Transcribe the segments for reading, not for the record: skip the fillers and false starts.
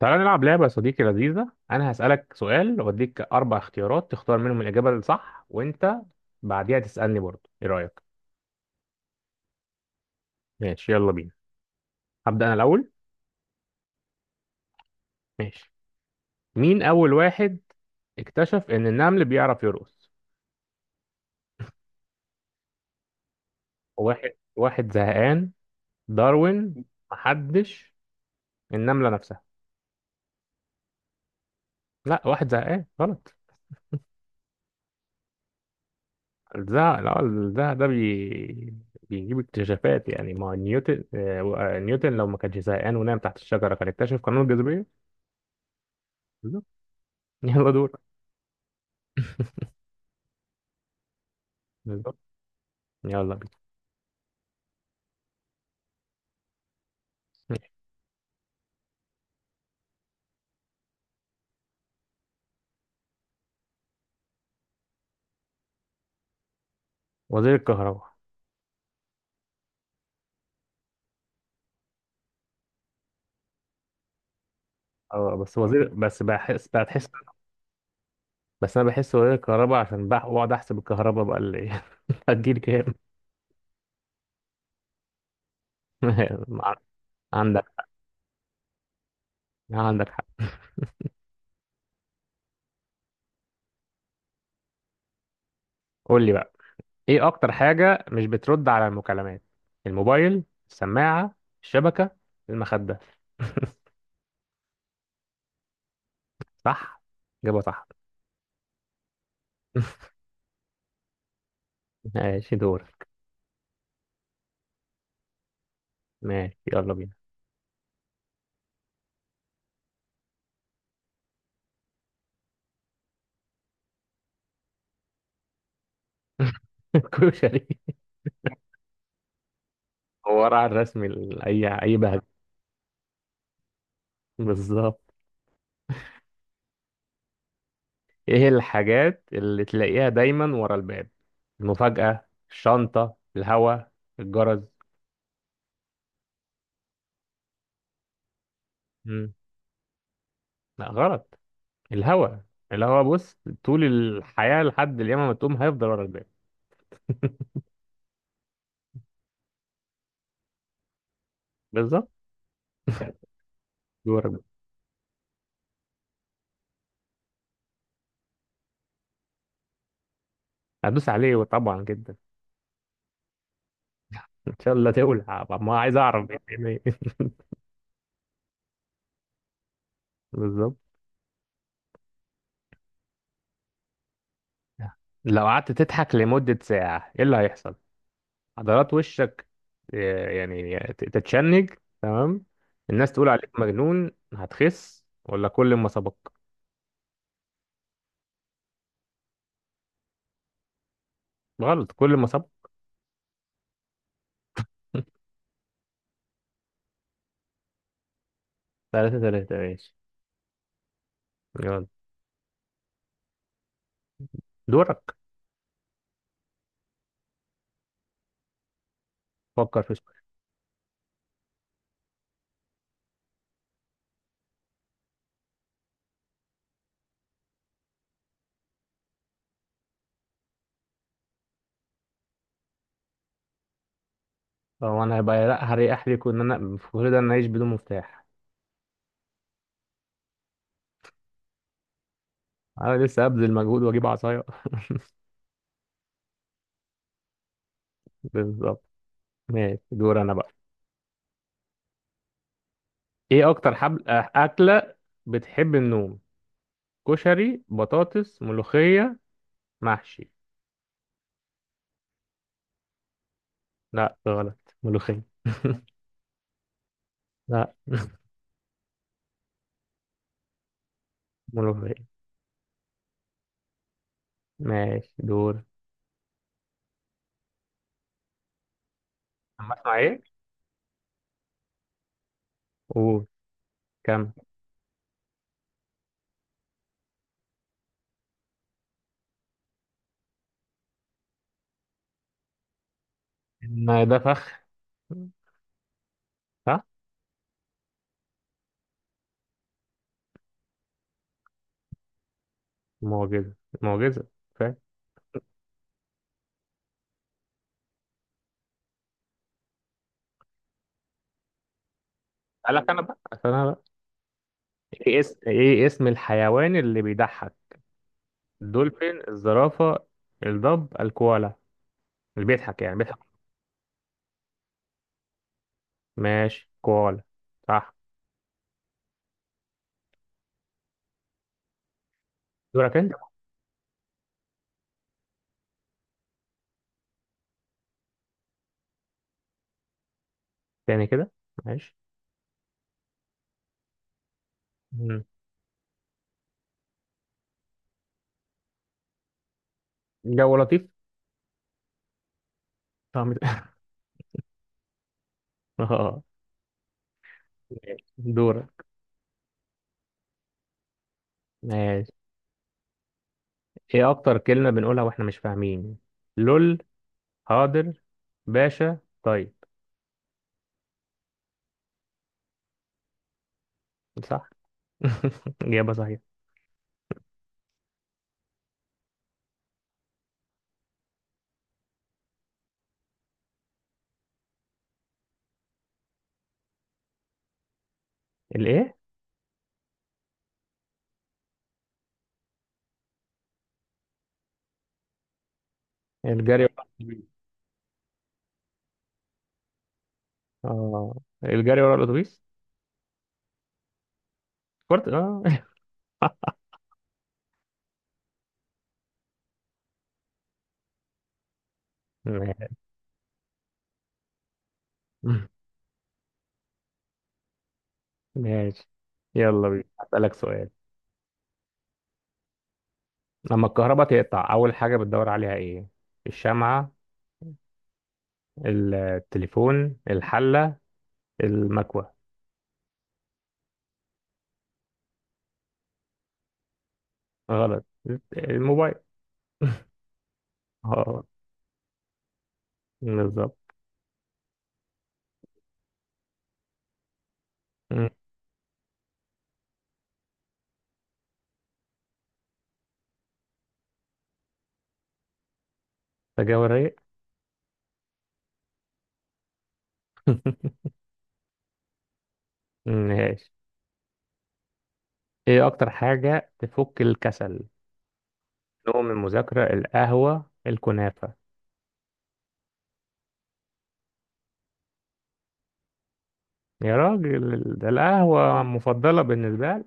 تعالى نلعب لعبة يا صديقي لذيذة. أنا هسألك سؤال وأديك أربع اختيارات تختار منهم الإجابة الصح، وأنت بعديها تسألني برضه. إيه رأيك؟ ماشي، يلا بينا. هبدأ أنا الأول. ماشي. مين أول واحد اكتشف إن النمل بيعرف يرقص؟ واحد واحد زهقان، داروين، محدش، النملة نفسها. لا، واحد زهقان غلط. الزهق، لا، الزهق ده بيجيب اكتشافات. يعني ما هو نيوتن لو ما كانش زهقان ونام تحت الشجرة كان اكتشف قانون الجاذبية. يلا دور. بالظبط. يلا بينا. وزير الكهرباء. اه، بس وزير، بس بحس بتحس. بس انا بحس وزير الكهرباء عشان بقعد احسب الكهرباء بقى اللي ايه هتجيلي كام. مع- عندك. عندك حق. قول لي بقى. ايه اكتر حاجة مش بترد على المكالمات؟ الموبايل، السماعة، الشبكة، المخدة. صح، إجابة صح. ماشي، دور. ماشي، يلا بينا. كشري. هو ورا الرسم اي اي بهجة. بالظبط. ايه الحاجات اللي تلاقيها دايما ورا الباب؟ المفاجأة، الشنطة، الهوا، الجرس. مم. لا، غلط. الهوا. الهوا بص، طول الحياة لحد اليوم ما تقوم هيفضل ورا الباب. بالظبط. ورا الباب. هدوس عليه طبعا جدا. ان شاء الله تولع. طب ما عايز اعرف إيه. بالظبط. لو قعدت تضحك لمدة ساعة ايه اللي هيحصل؟ عضلات وشك، يعني تتشنج، تمام، الناس تقول عليك مجنون، هتخس، ولا كل ما سبق. غلط، كل ما سبق. 3-3. ماشي، يلا. دورك. فكر في سؤال. هو انا هيبقى لا، هريح ليكوا ان انا في كل ده، انا اعيش بدون مفتاح. انا لسه ابذل مجهود واجيب عصاية. بالظبط. ماشي، دور انا بقى. ايه اكتر حبل أه، اكلة بتحب النوم؟ كشري، بطاطس، ملوخية، محشي. لا، غلط، ملوخية. لا، ملوخية. ماشي، دور. أما اسمع ايه؟ قول. كم؟ إن ده فخ. صح. معجزة، معجزة، فاهم. قالك أنا بقى. إيه اسم الحيوان اللي بيضحك؟ الدولفين، الزرافة، الضب، الكوالا. اللي بيضحك يعني بيضحك. ماشي، كوالا. صح. دورك أنت. تاني كده، ماشي. مم. جو لطيف. طعم. اه. ماشي. دورك. ماشي. ايه اكتر كلمة بنقولها واحنا مش فاهمين؟ لول، حاضر، باشا، طيب. صح. إجابة صحيحة. الإيه؟ الجري، لا، ورا الأتوبيس. آه. الجري ورا الأتوبيس. كرة، آه. ماشي. ماشي. يلا بينا أسألك سؤال. لما الكهرباء تقطع أول حاجة بتدور عليها إيه؟ الشمعة، التليفون، الحلة، المكوة. غلط. الموبايل. اه. بالظبط. مم. تجاوب رايق. ماشي. إيه أكتر حاجة تفك الكسل؟ نوم، المذاكرة، القهوة، الكنافة. يا راجل ده القهوة مفضلة بالنسبة لي.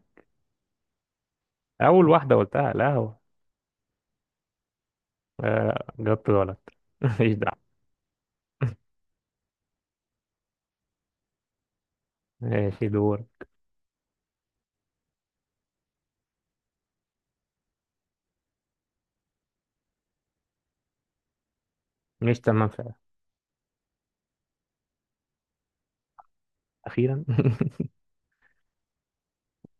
أول واحدة قلتها القهوة. آه جبت غلط. مفيش دعوة. ماشي، دور. مش تمام فعلا. أخيرا.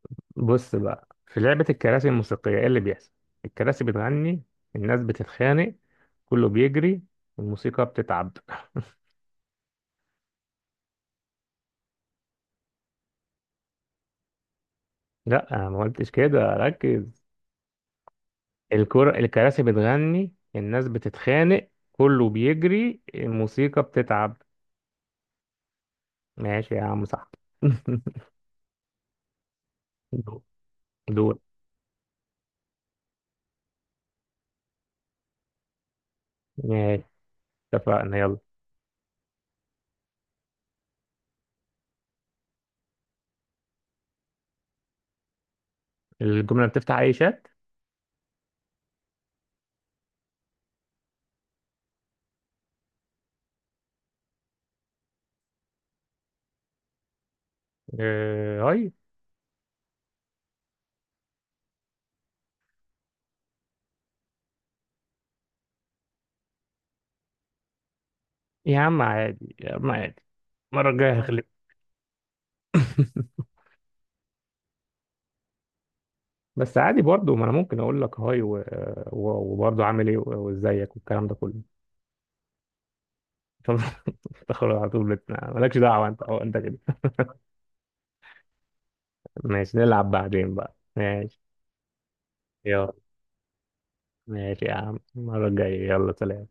بص بقى في لعبة الكراسي الموسيقية إيه اللي بيحصل؟ الكراسي بتغني، الناس بتتخانق، كله بيجري، الموسيقى بتتعب. لا، أنا ما قلتش كده، ركز. الكراسي بتغني، الناس بتتخانق، كله بيجري، الموسيقى بتتعب. ماشي يا عم، صح. دور. ماشي، اتفقنا، يلا. الجملة بتفتح أي شات. آه، هاي. يا عم عادي، يا عم عادي. المرة الجاية هغلب. بس عادي برضه، ما أنا ممكن أقول لك هاي و... وبرضه عامل إيه وإزيك والكلام ده كله. تخرج على طول مالكش دعوة، أنت أو أنت كده. ماشي، نلعب بعدين بقى، ماشي. يلا. ماشي يا عم، المرة الجاية، يلا سلام.